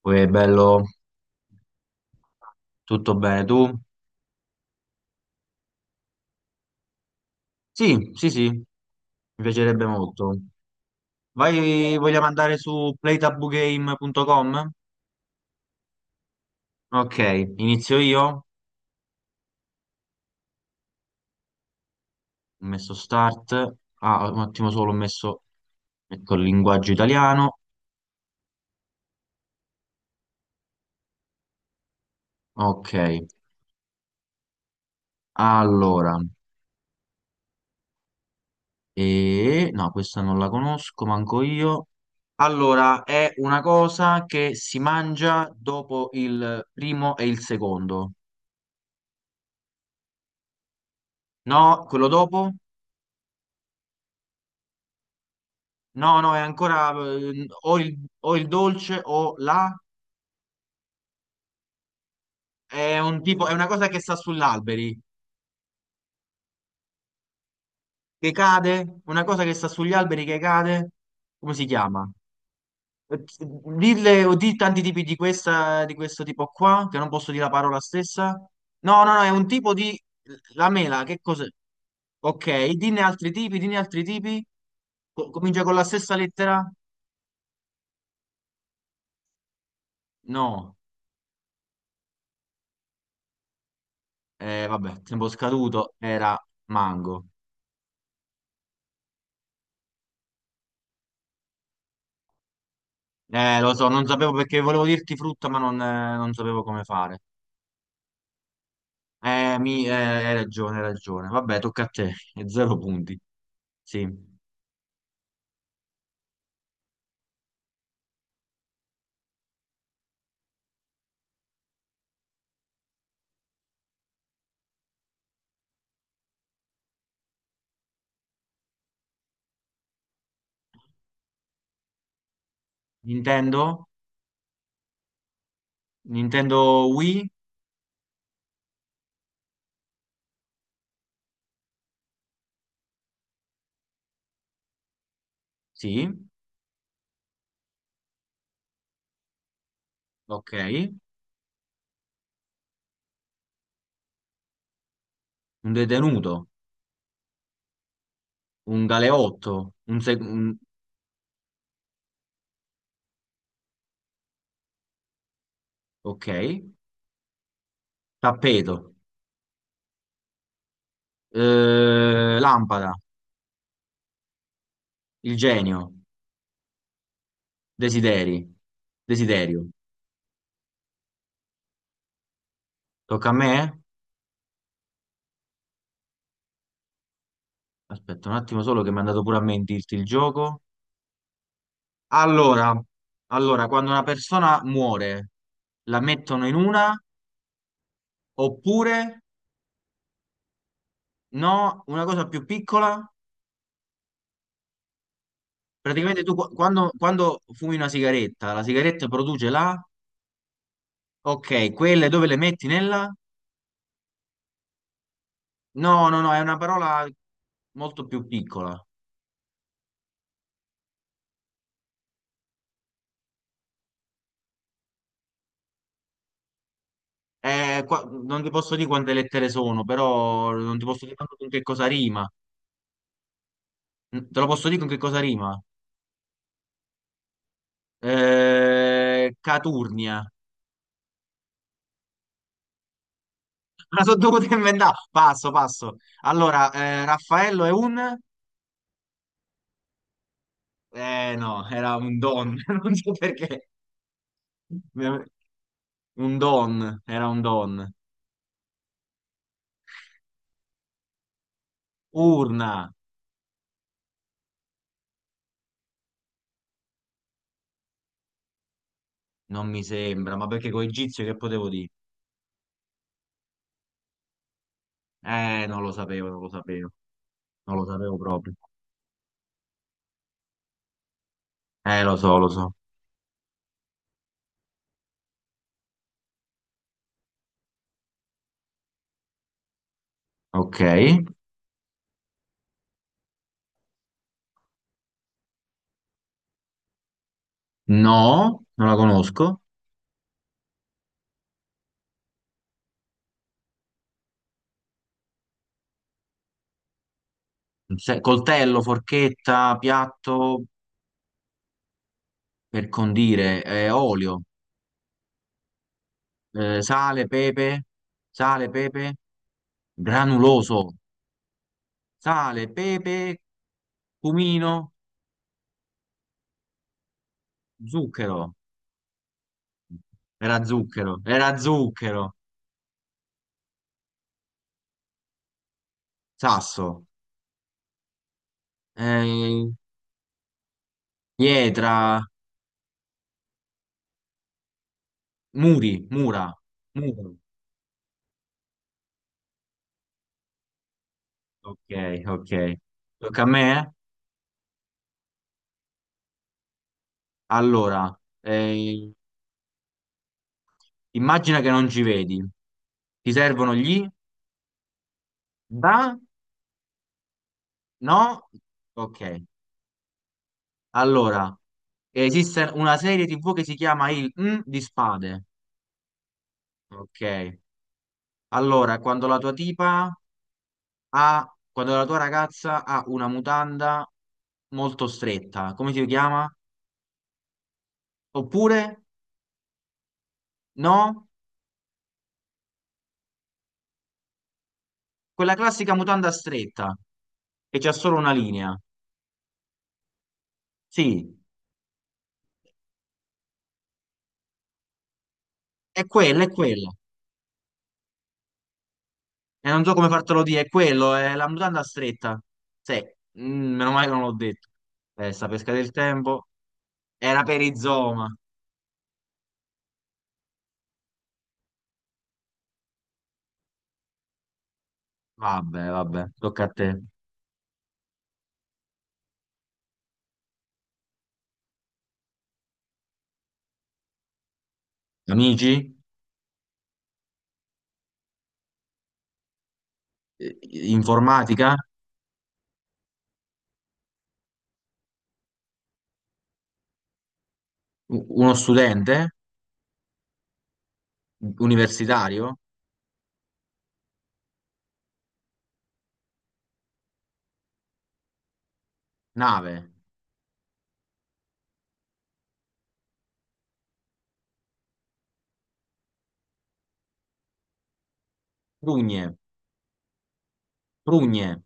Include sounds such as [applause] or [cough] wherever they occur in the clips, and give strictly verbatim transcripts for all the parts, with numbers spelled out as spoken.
Poi è bello, tutto bene. Tu? Sì, sì, sì, mi piacerebbe molto. Vai, vogliamo andare su playtabugame punto com? Ok, inizio io. Ho messo start. Ah, un attimo solo, ho messo, ecco, il linguaggio italiano. Ok, allora, e... no, questa non la conosco, manco io. Allora, è una cosa che si mangia dopo il primo e il secondo. No, quello dopo? No, no, è ancora eh, o il, o il dolce o la. È un tipo, è una cosa che sta sugli alberi, che cade, una cosa che sta sugli alberi che cade. Come si chiama? Eh, Dille o di tanti tipi di questa, di questo tipo qua, che non posso dire la parola stessa. No, no, no, è un tipo di la mela, che cos'è? Ok, dinne altri tipi, dinne altri tipi. Co- comincia con la stessa lettera? No, eh, vabbè, tempo scaduto, era mango. Eh, lo so, non sapevo perché volevo dirti frutta, ma non, eh, non sapevo come fare. Eh, mi, eh, hai ragione, hai ragione. Vabbè, tocca a te. [laughs] E zero punti. Sì. Nintendo? Nintendo Wii? Sì. Ok. Un detenuto. Un galeotto. Un, seg- un- Ok. Tappeto. Eh, lampada. Il genio. Desideri. Desiderio. Tocca a me? Aspetta un attimo solo che mi è andato pure a me in dirti il gioco. Allora, allora, quando una persona muore, la mettono in una, oppure no, una cosa più piccola, praticamente tu qu- quando, quando fumi una sigaretta, la sigaretta produce la, ok, quelle dove le metti nella? No, no, no, è una parola molto più piccola. Eh, qua- non ti posso dire quante lettere sono, però non ti posso dire manco con che cosa rima. Te lo posso dire con che cosa rima? Eh, Caturnia. Me la sono dovuta inventare. Passo, passo. Allora, eh, Raffaello è un... Eh no, era un don. [laughs] Non so perché. Un don, era un don. Urna, non mi sembra, ma perché con egizio che potevo dire? Eh, non lo sapevo, non lo sapevo. Non lo sapevo proprio. Eh, lo so, lo so. Ok. No, non la conosco. Se- Coltello, forchetta, piatto per condire, eh, olio, eh, sale, pepe, sale, pepe. Granuloso, sale, pepe, cumino, zucchero. Era zucchero, era zucchero, sasso, eh, pietra, muri, mura, muro. Ok, ok. Tocca a me? Eh? Allora, eh, immagina che non ci vedi. Ti servono gli da? No? Ok. Allora, esiste una serie tivù che si chiama il M di spade. Ok. Allora, quando la tua tipa ha, quando la tua ragazza ha una mutanda molto stretta, come si chiama? Oppure, no? Quella classica mutanda stretta, che c'ha solo una linea. Sì, è quella, è quella. E non so come fartelo dire, è quello, è la mutanda stretta. Sì, mm, meno male che non l'ho detto. Eh, sta pesca del tempo. Era per i zooma. Vabbè, vabbè, tocca a te. Amici? Eh, Informatica? U- Uno studente? Universitario. Nave. Prugne. Prugne.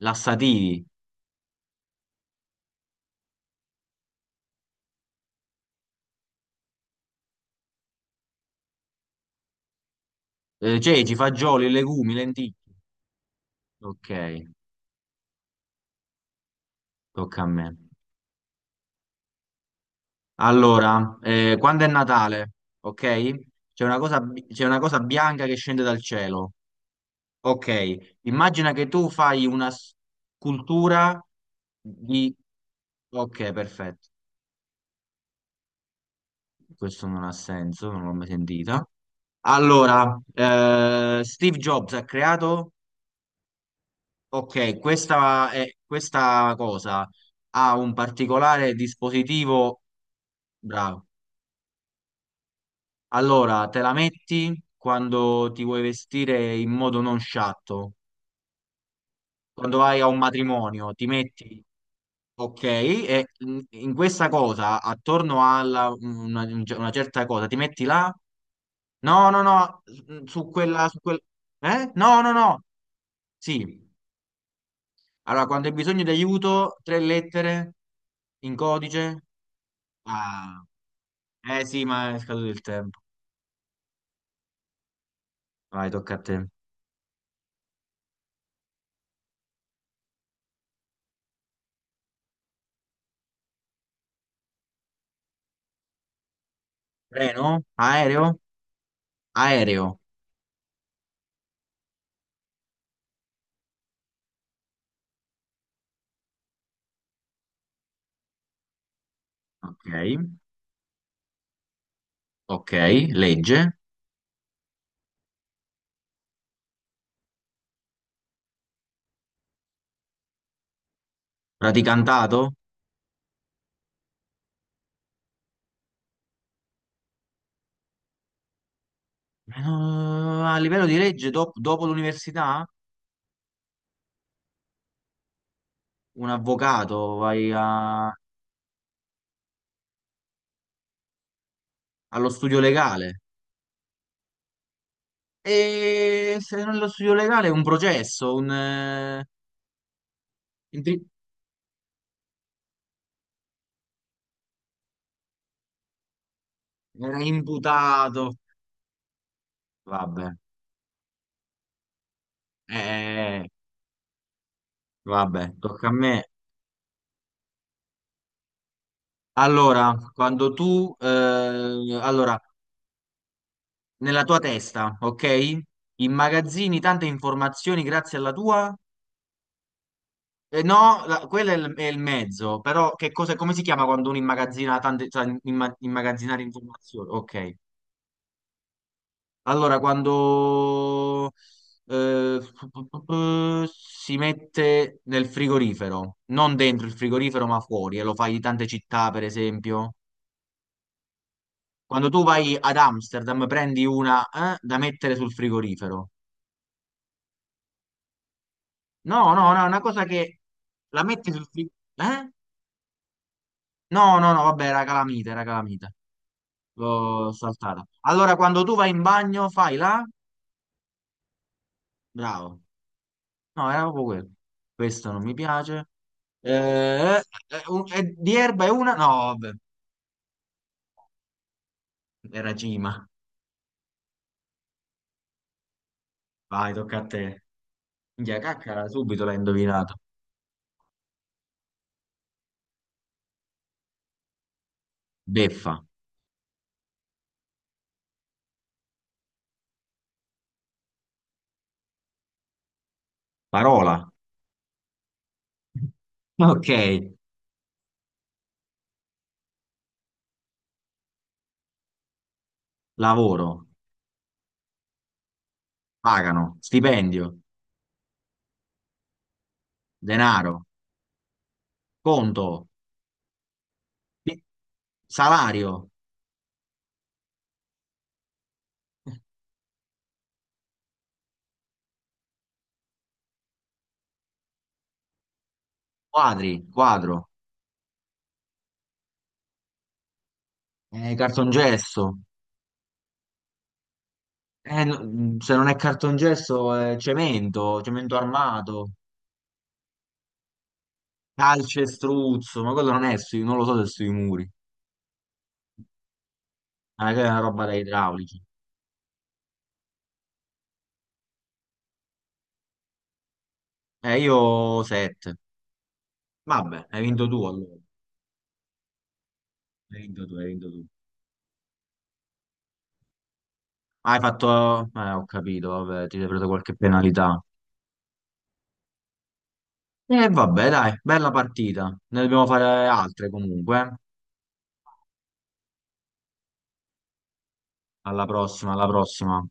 Lassativi. Eh, ceci, fagioli, legumi, lenticchie. Ok, tocca a me. Allora, eh, quando è Natale, ok? C'è una cosa, bi- c'è una cosa bianca che scende dal cielo. Ok, immagina che tu fai una scultura di... Ok, perfetto. Questo non ha senso, non l'ho mai sentita. Allora, eh, Steve Jobs ha creato. Ok, questa, è- questa cosa ha un particolare dispositivo. Bravo. Allora, te la metti quando ti vuoi vestire in modo non sciatto, quando vai a un matrimonio, ti metti. Ok, e in in questa cosa, attorno alla una, una certa cosa, ti metti là? No, no, no, su quella, su quel... Eh? No, no, no. Sì. Allora, quando hai bisogno di aiuto, tre lettere in codice. Ah. Eh sì, ma è scaduto il tempo. Vai, tocca a te. Treno? Aereo? Aereo. Ok, ok, legge. Praticantato? Eh, no, a livello di legge, dop- dopo l'università, un avvocato, vai a- allo studio legale. E se non è lo studio legale, un processo, un... eh, intri- era imputato. Vabbè, eh, eh, vabbè, tocca a me. Allora, quando tu... eh, allora... nella tua testa, ok? Immagazzini tante informazioni grazie alla tua... eh, no, la- quello è il, è il mezzo, però che cosa, come si chiama quando uno immagazzina tante, cioè, imma- immagazzinare informazioni? Ok. Allora, quando eh, pu- pu- pu- pu- si mette nel frigorifero, non dentro il frigorifero, ma fuori, e lo fai in tante città, per esempio. Quando tu vai ad Amsterdam, prendi una eh, da mettere sul frigorifero. No, no, no, è una cosa che la metti sul frigo. Eh? No, no, no, vabbè, era calamita, era calamita. L'ho saltata. Allora, quando tu vai in bagno, fai la? Bravo. No, era proprio quello. Questo non mi piace. Eh, eh, un- eh, di erba è una? No, vabbè, era Gima. Vai, tocca a te. Minchia, caccara, subito l'hai indovinato. Beffa. Parola. [laughs] Ok. Lavoro. Pagano. Stipendio. Denaro. Conto. pi- Salario. Quadri, quadro, eh, cartongesso, eh, no- mm, se non è cartongesso è cemento, cemento armato, calcestruzzo, ma quello non è sui, non lo so se è sui muri, ma è una roba da idraulici. Eh, io sette. Vabbè, hai vinto tu allora, hai vinto tu, hai vinto tu. Ah, Hai fatto, eh, ho capito, vabbè, ti sei preso qualche penalità. E vabbè, dai, bella partita, ne dobbiamo fare altre comunque, eh. Alla prossima, alla prossima.